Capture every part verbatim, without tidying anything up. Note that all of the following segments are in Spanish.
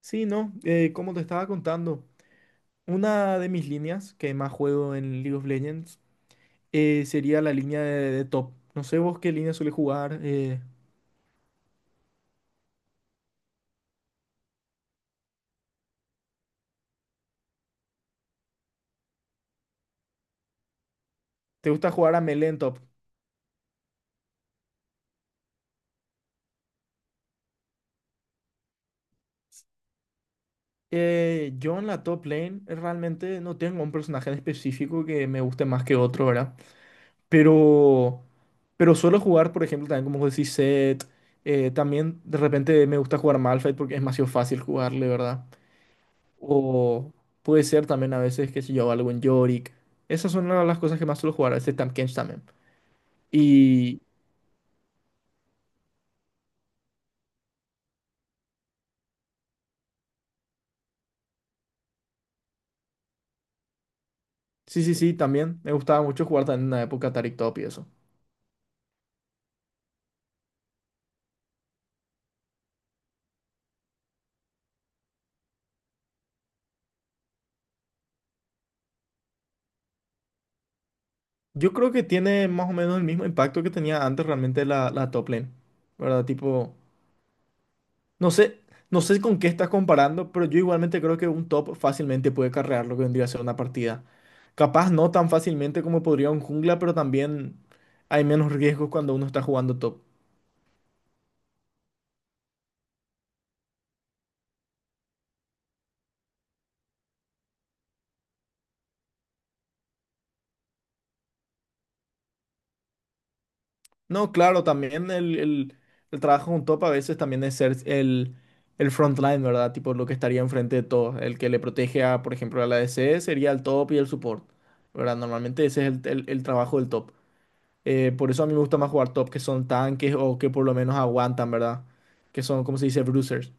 Sí, no, eh, Como te estaba contando, una de mis líneas que más juego en League of Legends eh, sería la línea de, de top. No sé vos qué línea suele jugar. Eh, ¿te gusta jugar a melee en top? Eh, yo en la top lane eh, realmente no tengo un personaje en específico que me guste más que otro, ¿verdad? Pero, pero suelo jugar, por ejemplo, también como vos decís, Zed. Eh, también de repente me gusta jugar Malphite porque es demasiado fácil jugarle, ¿verdad? O puede ser también a veces, qué sé yo, algo en Yorick. Esas son una de las cosas que más suelo jugar, este Tampkench también. Y sí, sí, sí, también me gustaba mucho jugar también en una época Taric Top y eso. Yo creo que tiene más o menos el mismo impacto que tenía antes realmente la, la top lane, ¿verdad? Tipo, no sé, no sé con qué estás comparando, pero yo igualmente creo que un top fácilmente puede carrear lo que vendría a ser una partida. Capaz no tan fácilmente como podría un jungla, pero también hay menos riesgos cuando uno está jugando top. No, claro, también el, el- el trabajo con top a veces también es ser el, el frontline, ¿verdad? Tipo lo que estaría enfrente de todo. El que le protege a, por ejemplo, a la A D C sería el top y el support, ¿verdad? Normalmente ese es el, el- el trabajo del top. Eh, por eso a mí me gusta más jugar top que son tanques o que por lo menos aguantan, ¿verdad? Que son, como se dice? Bruisers.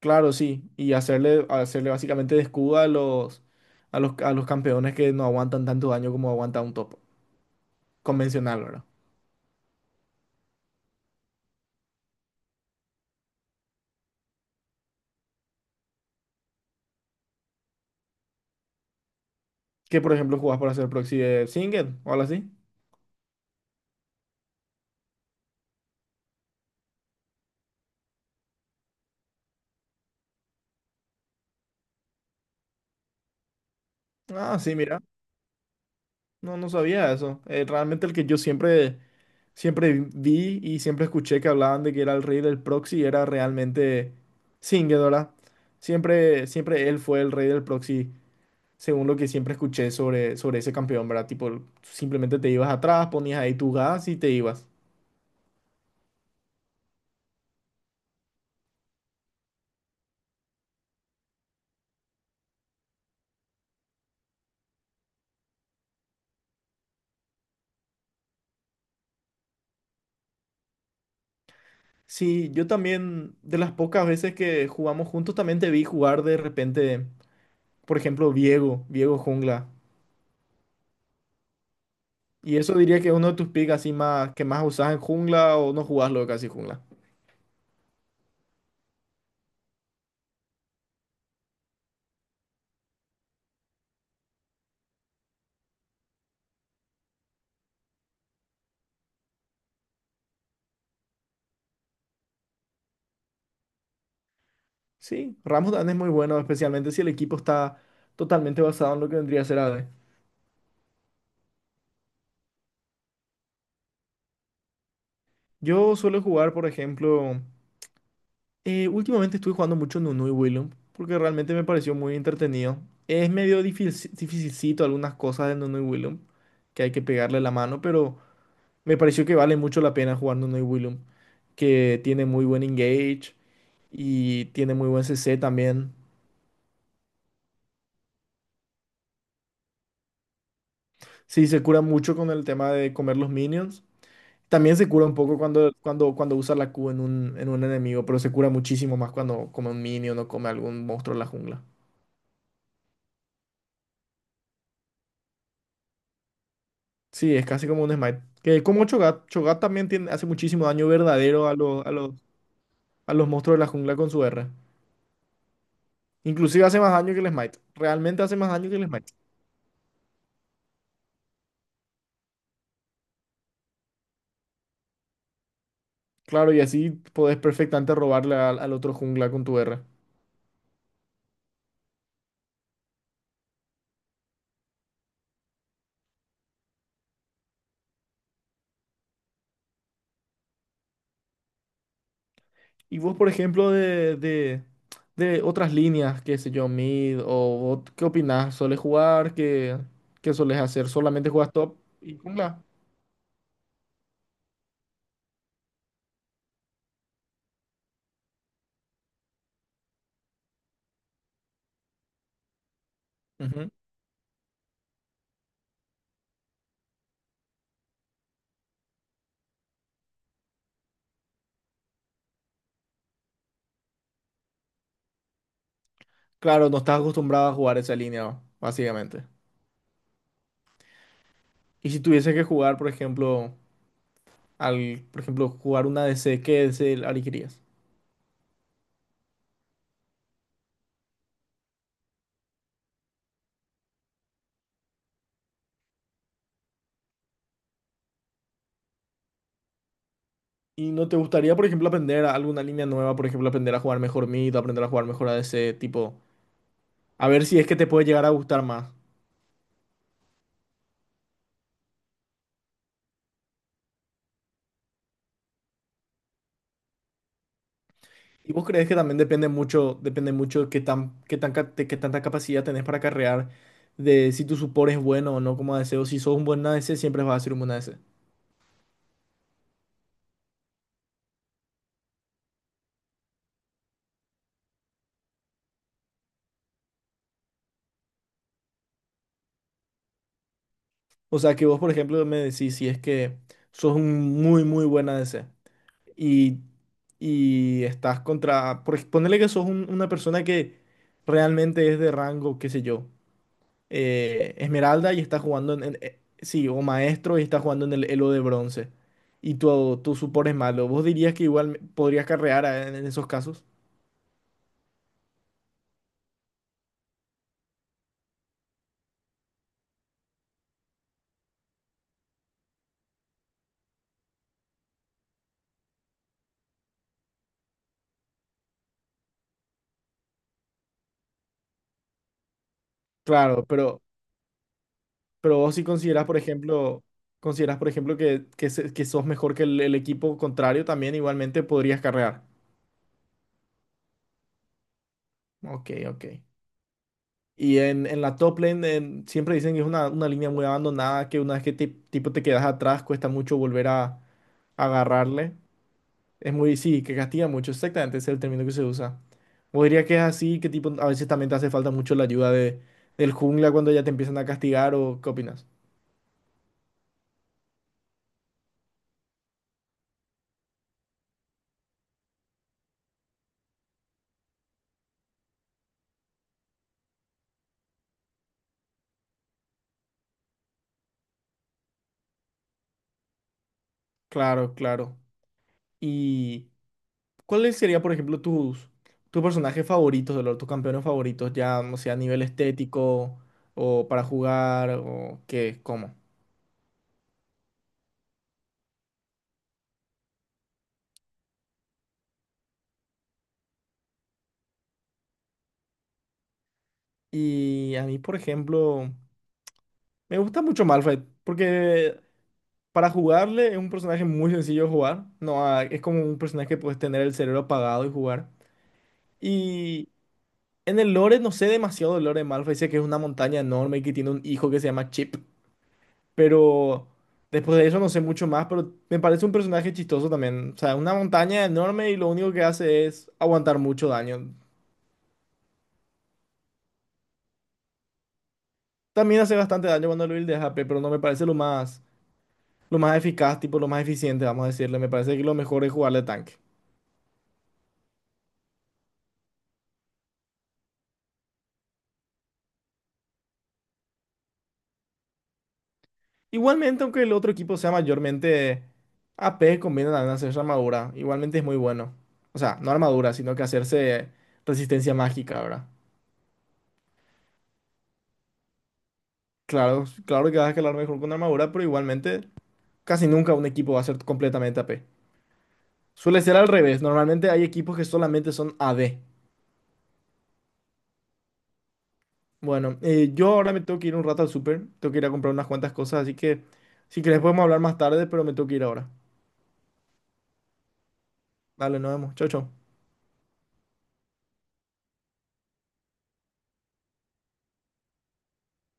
Claro, sí. Y hacerle, hacerle básicamente de escudo a los, a los, a los campeones que no aguantan tanto daño como aguanta un top convencional, ¿verdad? ¿Qué, por ejemplo, jugás para hacer proxy de single o algo así? Ah, sí, mira. No, no sabía eso. Eh, realmente el que yo siempre, siempre vi y siempre escuché que hablaban de que era el rey del proxy era realmente Singed, ¿verdad? Siempre, siempre él fue el rey del proxy, según lo que siempre escuché sobre, sobre ese campeón, ¿verdad? Tipo, simplemente te ibas atrás, ponías ahí tu gas y te ibas. Sí, yo también, de las pocas veces que jugamos juntos, también te vi jugar de repente, por ejemplo, Viego, Viego Jungla. Y eso diría que es uno de tus picks así más que más usás en jungla o no jugás lo de casi jungla. Sí, Ramos dan es muy bueno, especialmente si el equipo está totalmente basado en lo que vendría a ser A D. Yo suelo jugar, por ejemplo, eh, últimamente estuve jugando mucho Nunu y Willem porque realmente me pareció muy entretenido. Es medio difícil, dificilcito algunas cosas de Nunu y Willem que hay que pegarle la mano, pero me pareció que vale mucho la pena jugar Nunu y Willem que tiene muy buen engage y tiene muy buen C C también. Sí, se cura mucho con el tema de comer los minions. También se cura un poco cuando, cuando, cuando usa la Q en un, en un enemigo, pero se cura muchísimo más cuando come un minion o come algún monstruo en la jungla. Sí, es casi como un smite. Que como Cho'Gath, Cho'Gath también tiene, hace muchísimo daño verdadero a los, a los, a los monstruos de la jungla con su R. Inclusive hace más daño que el smite. Realmente hace más daño que el smite. Claro, y así podés perfectamente robarle al, al otro jungla con tu R. Y vos, por ejemplo, de, de, de otras líneas, qué sé yo, mid, o o ¿qué opinás? ¿Solés jugar? ¿Qué, qué solés hacer? ¿Solamente juegas top y jungla? Ujú. Claro, no estás acostumbrado a jugar esa línea, básicamente. Y si tuvieses que jugar, por ejemplo, al, por ejemplo, jugar una D C, ¿qué D C elegirías? ¿Y no te gustaría, por ejemplo, aprender alguna línea nueva? Por ejemplo, aprender a jugar mejor mid, aprender a jugar mejor a ADC, tipo, a ver si es que te puede llegar a gustar más. ¿Y vos crees que también depende mucho, depende mucho qué tan, qué tan, ca- qué tanta capacidad tenés para carrear, de si tu support es bueno o no como A D C, o si sos un buen A D C, siempre vas a ser un buen A D C? O sea, que vos, por ejemplo, me decís si es que sos un muy, muy buen A D C y, y estás contra, por, ej- ponele que sos un- una persona que realmente es de rango, qué sé yo, eh, Esmeralda y está jugando en, en- eh, sí, o Maestro y está jugando en el Elo de bronce. Y tu, tu support es malo. ¿Vos dirías que igual podrías carrear a- en, en esos casos? Claro, pero, pero vos si consideras, por ejemplo, consideras, por ejemplo, que, que, se- que sos mejor que el, el equipo contrario, también igualmente podrías carrear. Ok, ok. Y en, en la top lane en- siempre dicen que es una, una línea muy abandonada, que una vez que te- tipo te quedas atrás cuesta mucho volver a, a agarrarle. Es muy, sí, que castiga mucho, exactamente, ese es el término que se usa. O diría que es así, que tipo, a veces también te hace falta mucho la ayuda de, del jungla cuando ya te empiezan a castigar o qué opinas. Claro, claro. ¿Y cuáles serían, por ejemplo, tus, tus personajes favoritos de LoL, tus campeones favoritos, ya, no sea, a nivel estético o para jugar o qué, cómo? Y a mí, por ejemplo, me gusta mucho Malphite, porque para jugarle es un personaje muy sencillo de jugar. No, ah, es como un personaje que puedes tener el cerebro apagado y jugar. Y en el lore no sé demasiado del lore de Malphite. Sé que es una montaña enorme y que tiene un hijo que se llama Chip. Pero después de eso no sé mucho más. Pero me parece un personaje chistoso también. O sea, una montaña enorme y lo único que hace es aguantar mucho daño. También hace bastante daño cuando lo buildeas A P, pero no me parece lo más, lo más eficaz, tipo lo más eficiente, vamos a decirle. Me parece que lo mejor es jugarle tanque. Igualmente, aunque el otro equipo sea mayormente A P, conviene también hacerse armadura. Igualmente es muy bueno. O sea, no armadura, sino que hacerse resistencia mágica, ¿verdad? Claro, claro que vas a escalar mejor con armadura, pero igualmente casi nunca un equipo va a ser completamente A P. Suele ser al revés. Normalmente hay equipos que solamente son A D. Bueno, eh, yo ahora me tengo que ir un rato al súper. Tengo que ir a comprar unas cuantas cosas, así que si querés podemos hablar más tarde, pero me tengo que ir ahora. Dale, nos vemos. Chau, chau.